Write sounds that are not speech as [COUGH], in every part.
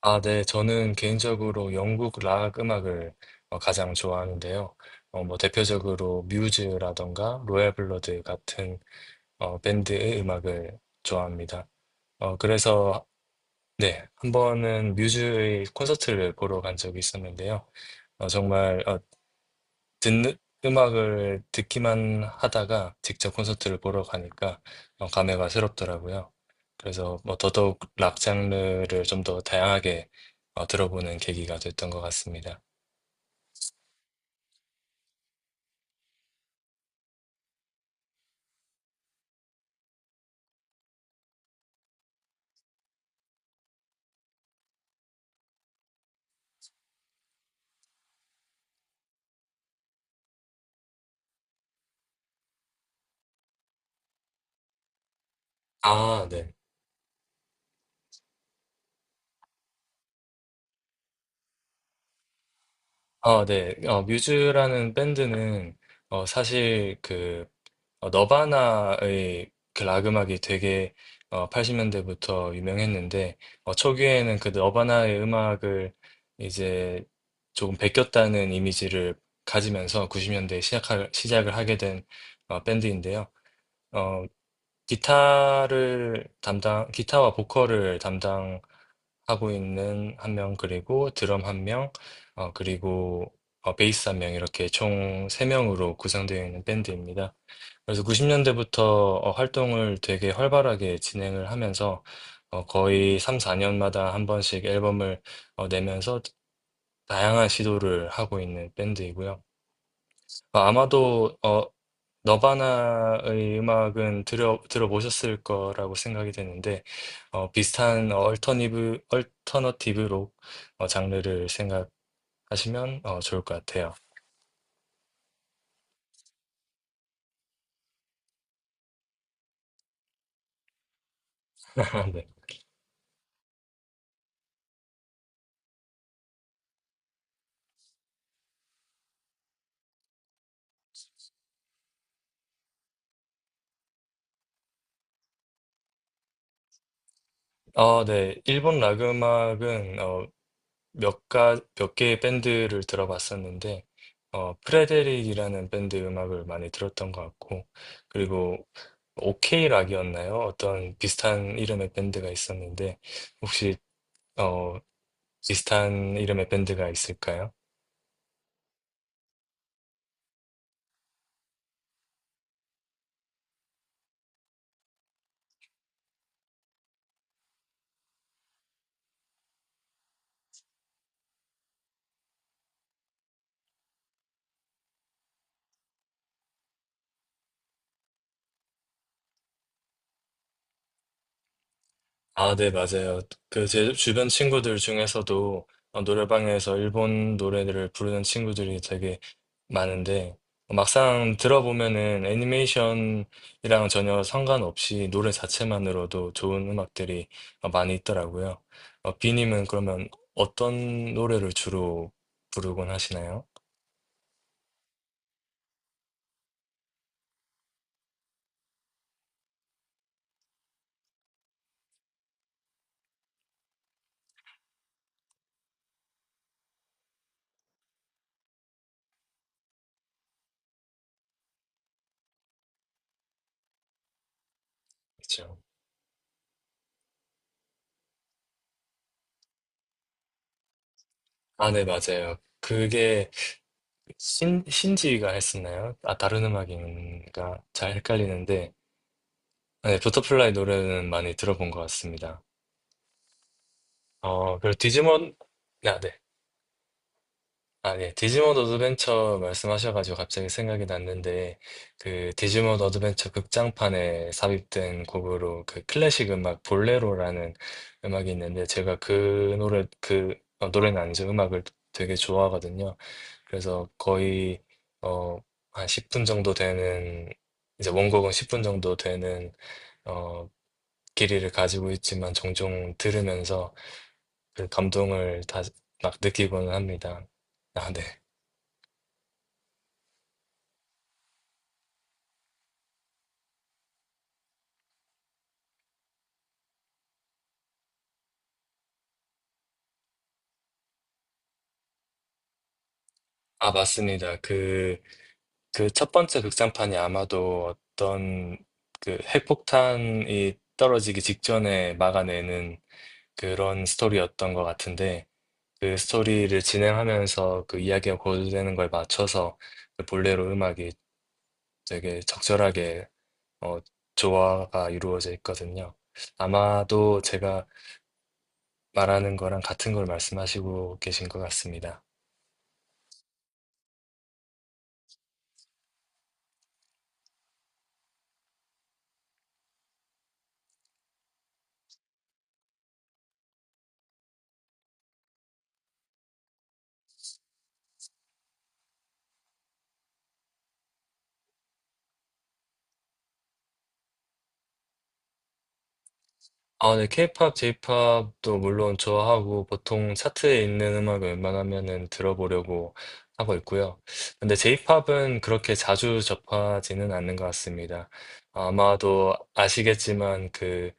아, 네. 저는 개인적으로 영국 락 음악을 가장 좋아하는데요. 뭐 대표적으로 뮤즈라던가 로얄 블러드 같은 밴드의 음악을 좋아합니다. 그래서 네, 한 번은 뮤즈의 콘서트를 보러 간 적이 있었는데요. 정말 듣는 음악을 듣기만 하다가 직접 콘서트를 보러 가니까 감회가 새롭더라고요. 그래서 뭐 더더욱 락 장르를 좀 더 다양하게 들어보는 계기가 됐던 것 같습니다. 아, 네. 네. 뮤즈라는 밴드는 사실 그 너바나의 그 락 음악이 되게 80년대부터 유명했는데 초기에는 그 너바나의 음악을 이제 조금 베꼈다는 이미지를 가지면서 90년대에 시작을 하게 된 밴드인데요. 어, 기타와 보컬을 하고 있는 한 명 그리고 드럼 한 명 그리고 베이스 한 명 이렇게 총 3 명으로 구성되어 있는 밴드입니다. 그래서 90 년대부터 활동을 되게 활발하게 진행을 하면서 거의 3-4 년마다 한 번씩 앨범을 내면서 다양한 시도를 하고 있는 밴드이고요. 아마도 너바나의 음악은 들어보셨을 거라고 생각이 되는데, 비슷한 얼터너티브 록 장르를 생각하시면 좋을 것 같아요. [LAUGHS] 네. 네. 일본 락 음악은 몇 개의 밴드를 들어봤었는데, 프레데릭이라는 밴드 음악을 많이 들었던 것 같고, 그리고 오케이 락이었나요? 어떤 비슷한 이름의 밴드가 있었는데, 혹시, 어, 비슷한 이름의 밴드가 있을까요? 아, 네, 맞아요. 그 제 주변 친구들 중에서도 노래방에서 일본 노래들을 부르는 친구들이 되게 많은데 막상 들어보면은 애니메이션이랑 전혀 상관없이 노래 자체만으로도 좋은 음악들이 많이 있더라고요. 비님은 그러면 어떤 노래를 주로 부르곤 하시나요? 그렇죠. 아, 네, 맞아요. 그게 신지가 했었나요? 아, 다른 음악인가? 잘 헷갈리는데, 아, 네, 버터플라이 노래는 많이 들어본 것 같습니다. 그리고 디지몬, 아, 네. 아, 네. 디지몬 어드벤처 말씀하셔가지고 갑자기 생각이 났는데, 그 디지몬 어드벤처 극장판에 삽입된 곡으로 그 클래식 음악 볼레로라는 음악이 있는데, 제가 그 노래, 그, 노래는 아니죠. 음악을 되게 좋아하거든요. 그래서 거의 어, 한 10분 정도 되는 이제 원곡은 10분 정도 되는 어, 길이를 가지고 있지만 종종 들으면서 그 감동을 다 막 느끼고는 합니다. 아, 네. 아, 맞습니다. 그 첫 번째 극장판이 아마도 어떤 그 핵폭탄이 떨어지기 직전에 막아내는 그런 스토리였던 것 같은데 그 스토리를 진행하면서 그 이야기가 고조되는 걸 맞춰서 그 볼레로 음악이 되게 적절하게 어, 조화가 이루어져 있거든요. 아마도 제가 말하는 거랑 같은 걸 말씀하시고 계신 것 같습니다. 아, 네, 케이팝, 제이팝도 물론 좋아하고 보통 차트에 있는 음악을 웬만하면은 들어보려고 하고 있고요. 근데 제이팝은 그렇게 자주 접하지는 않는 것 같습니다. 아마도 아시겠지만 그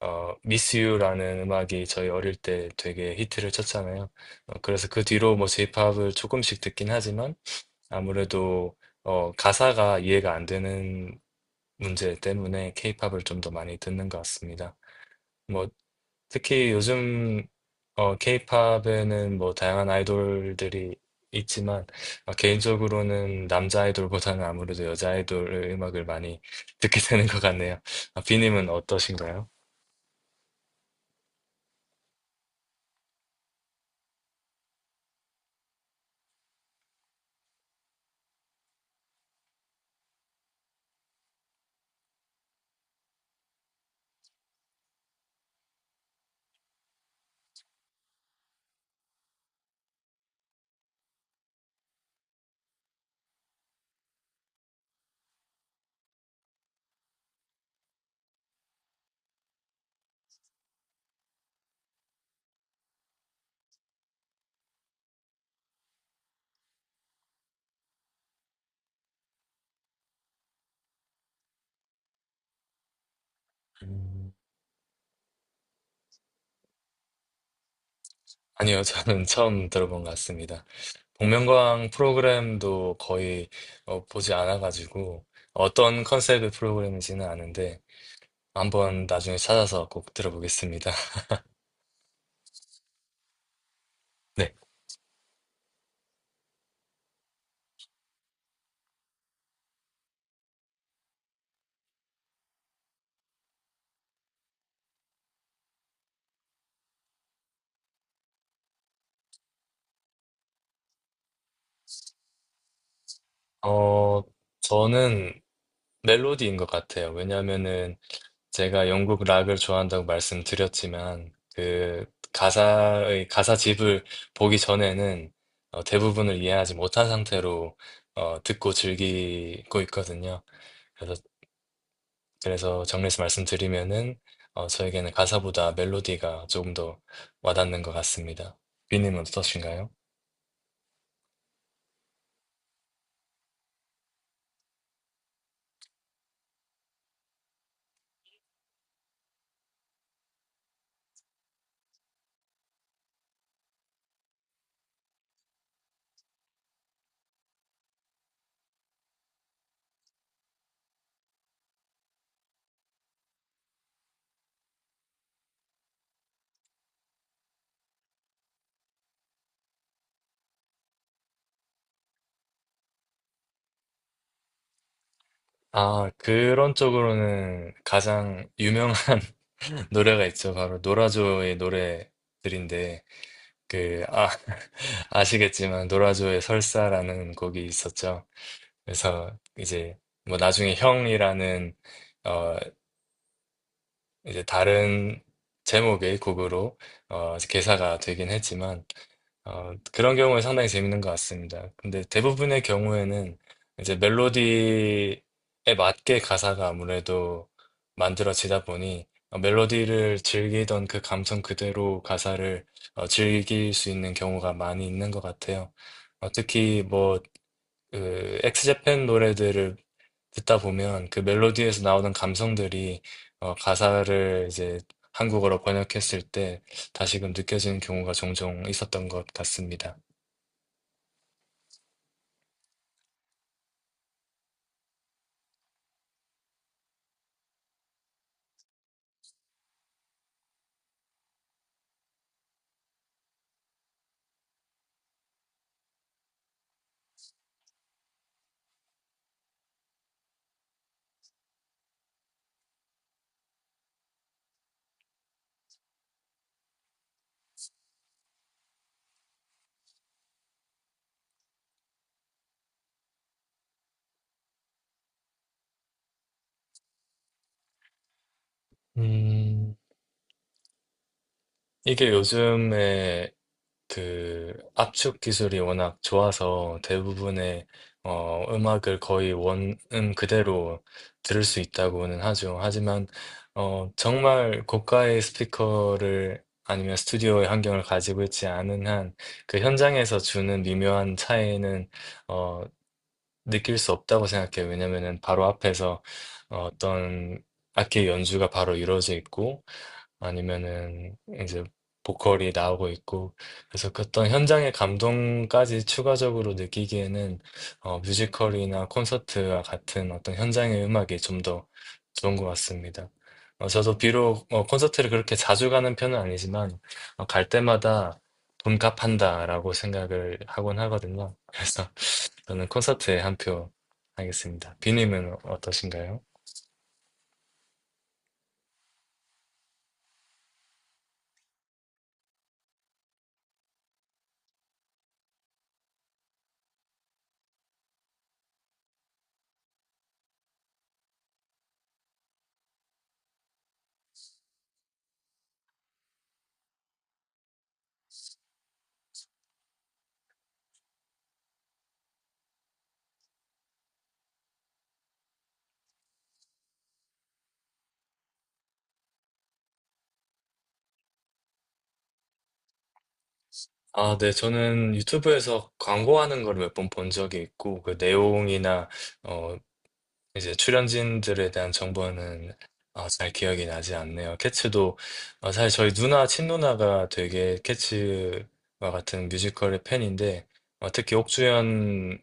Miss You라는 음악이 저희 어릴 때 되게 히트를 쳤잖아요. 그래서 그 뒤로 뭐 제이팝을 조금씩 듣긴 하지만 아무래도 가사가 이해가 안 되는 문제 때문에 케이팝을 좀 더 많이 듣는 것 같습니다. 뭐 특히 요즘 케이팝에는 뭐 다양한 아이돌들이 있지만 개인적으로는 남자 아이돌보다는 아무래도 여자 아이돌의 음악을 많이 듣게 되는 것 같네요. 아, 비님은 어떠신가요? 음, 아니요, 저는 처음 들어본 것 같습니다. 복면가왕 프로그램도 거의 보지 않아가지고 어떤 컨셉의 프로그램인지는 아는데 한번 나중에 찾아서 꼭 들어보겠습니다. [LAUGHS] 네, 어, 저는 멜로디인 것 같아요. 왜냐하면은 제가 영국 락을 좋아한다고 말씀드렸지만 그 가사의 가사집을 보기 전에는 대부분을 이해하지 못한 상태로 듣고 즐기고 있거든요. 그래서 그래서 정리해서 말씀드리면은 저에게는 가사보다 멜로디가 조금 더 와닿는 것 같습니다. 비님은 어떠신가요? 아, 그런 쪽으로는 가장 유명한 [LAUGHS] 노래가 있죠. 바로 노라조의 노래들인데 그, 아, [LAUGHS] 아시겠지만, 노라조의 설사라는 곡이 있었죠. 그래서 이제, 뭐 나중에 형이라는, 어, 이제 다른 제목의 곡으로 이제 개사가 되긴 했지만 그런 경우는 상당히 재밌는 것 같습니다. 근데 대부분의 경우에는 이제 멜로디에 맞게 가사가 아무래도 만들어지다 보니 멜로디를 즐기던 그 감성 그대로 가사를 즐길 수 있는 경우가 많이 있는 것 같아요. 특히 뭐 그 엑스제팬 노래들을 듣다 보면 그 멜로디에서 나오는 감성들이 가사를 이제 한국어로 번역했을 때 다시금 느껴지는 경우가 종종 있었던 것 같습니다. 음, 이게 요즘에 그 압축 기술이 워낙 좋아서 대부분의 음악을 거의 원음 그대로 들을 수 있다고는 하죠. 하지만 정말 고가의 스피커를 아니면 스튜디오의 환경을 가지고 있지 않은 한 그 현장에서 주는 미묘한 차이는 어, 느낄 수 없다고 생각해요. 왜냐면은 바로 앞에서 어떤 악기 연주가 바로 이루어져 있고 아니면은 이제 보컬이 나오고 있고 그래서 그 어떤 현장의 감동까지 추가적으로 느끼기에는 뮤지컬이나 콘서트와 같은 어떤 현장의 음악이 좀 더 좋은 것 같습니다. 저도 비록 콘서트를 그렇게 자주 가는 편은 아니지만 갈 때마다 돈 값한다라고 생각을 하곤 하거든요. 그래서 저는 콘서트에 한 표 하겠습니다. 비님은 어떠신가요? 아, 네. 저는 유튜브에서 광고하는 걸 몇 번 본 적이 있고, 그 내용이나, 어, 이제 출연진들에 대한 정보는 아, 잘 기억이 나지 않네요. 캐츠도, 아, 사실 저희 친누나가 되게 캐츠와 같은 뮤지컬의 팬인데, 특히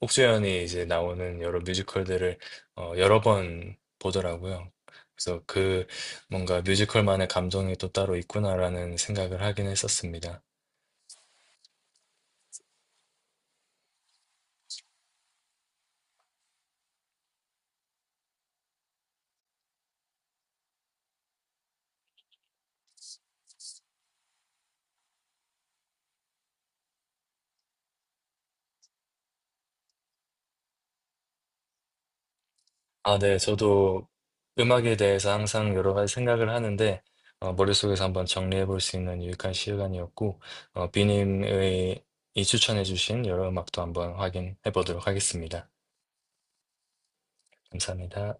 옥주연이 이제 나오는 여러 뮤지컬들을 여러 번 보더라고요. 그래서 그 뭔가 뮤지컬만의 감정이 또 따로 있구나라는 생각을 하긴 했었습니다. 아, 네. 저도 음악에 대해서 항상 여러 가지 생각을 하는데, 머릿속에서 한번 정리해 볼 수 있는 유익한 시간이었고, 비님의 이 추천해 주신 여러 음악도 한번 확인해 보도록 하겠습니다. 감사합니다.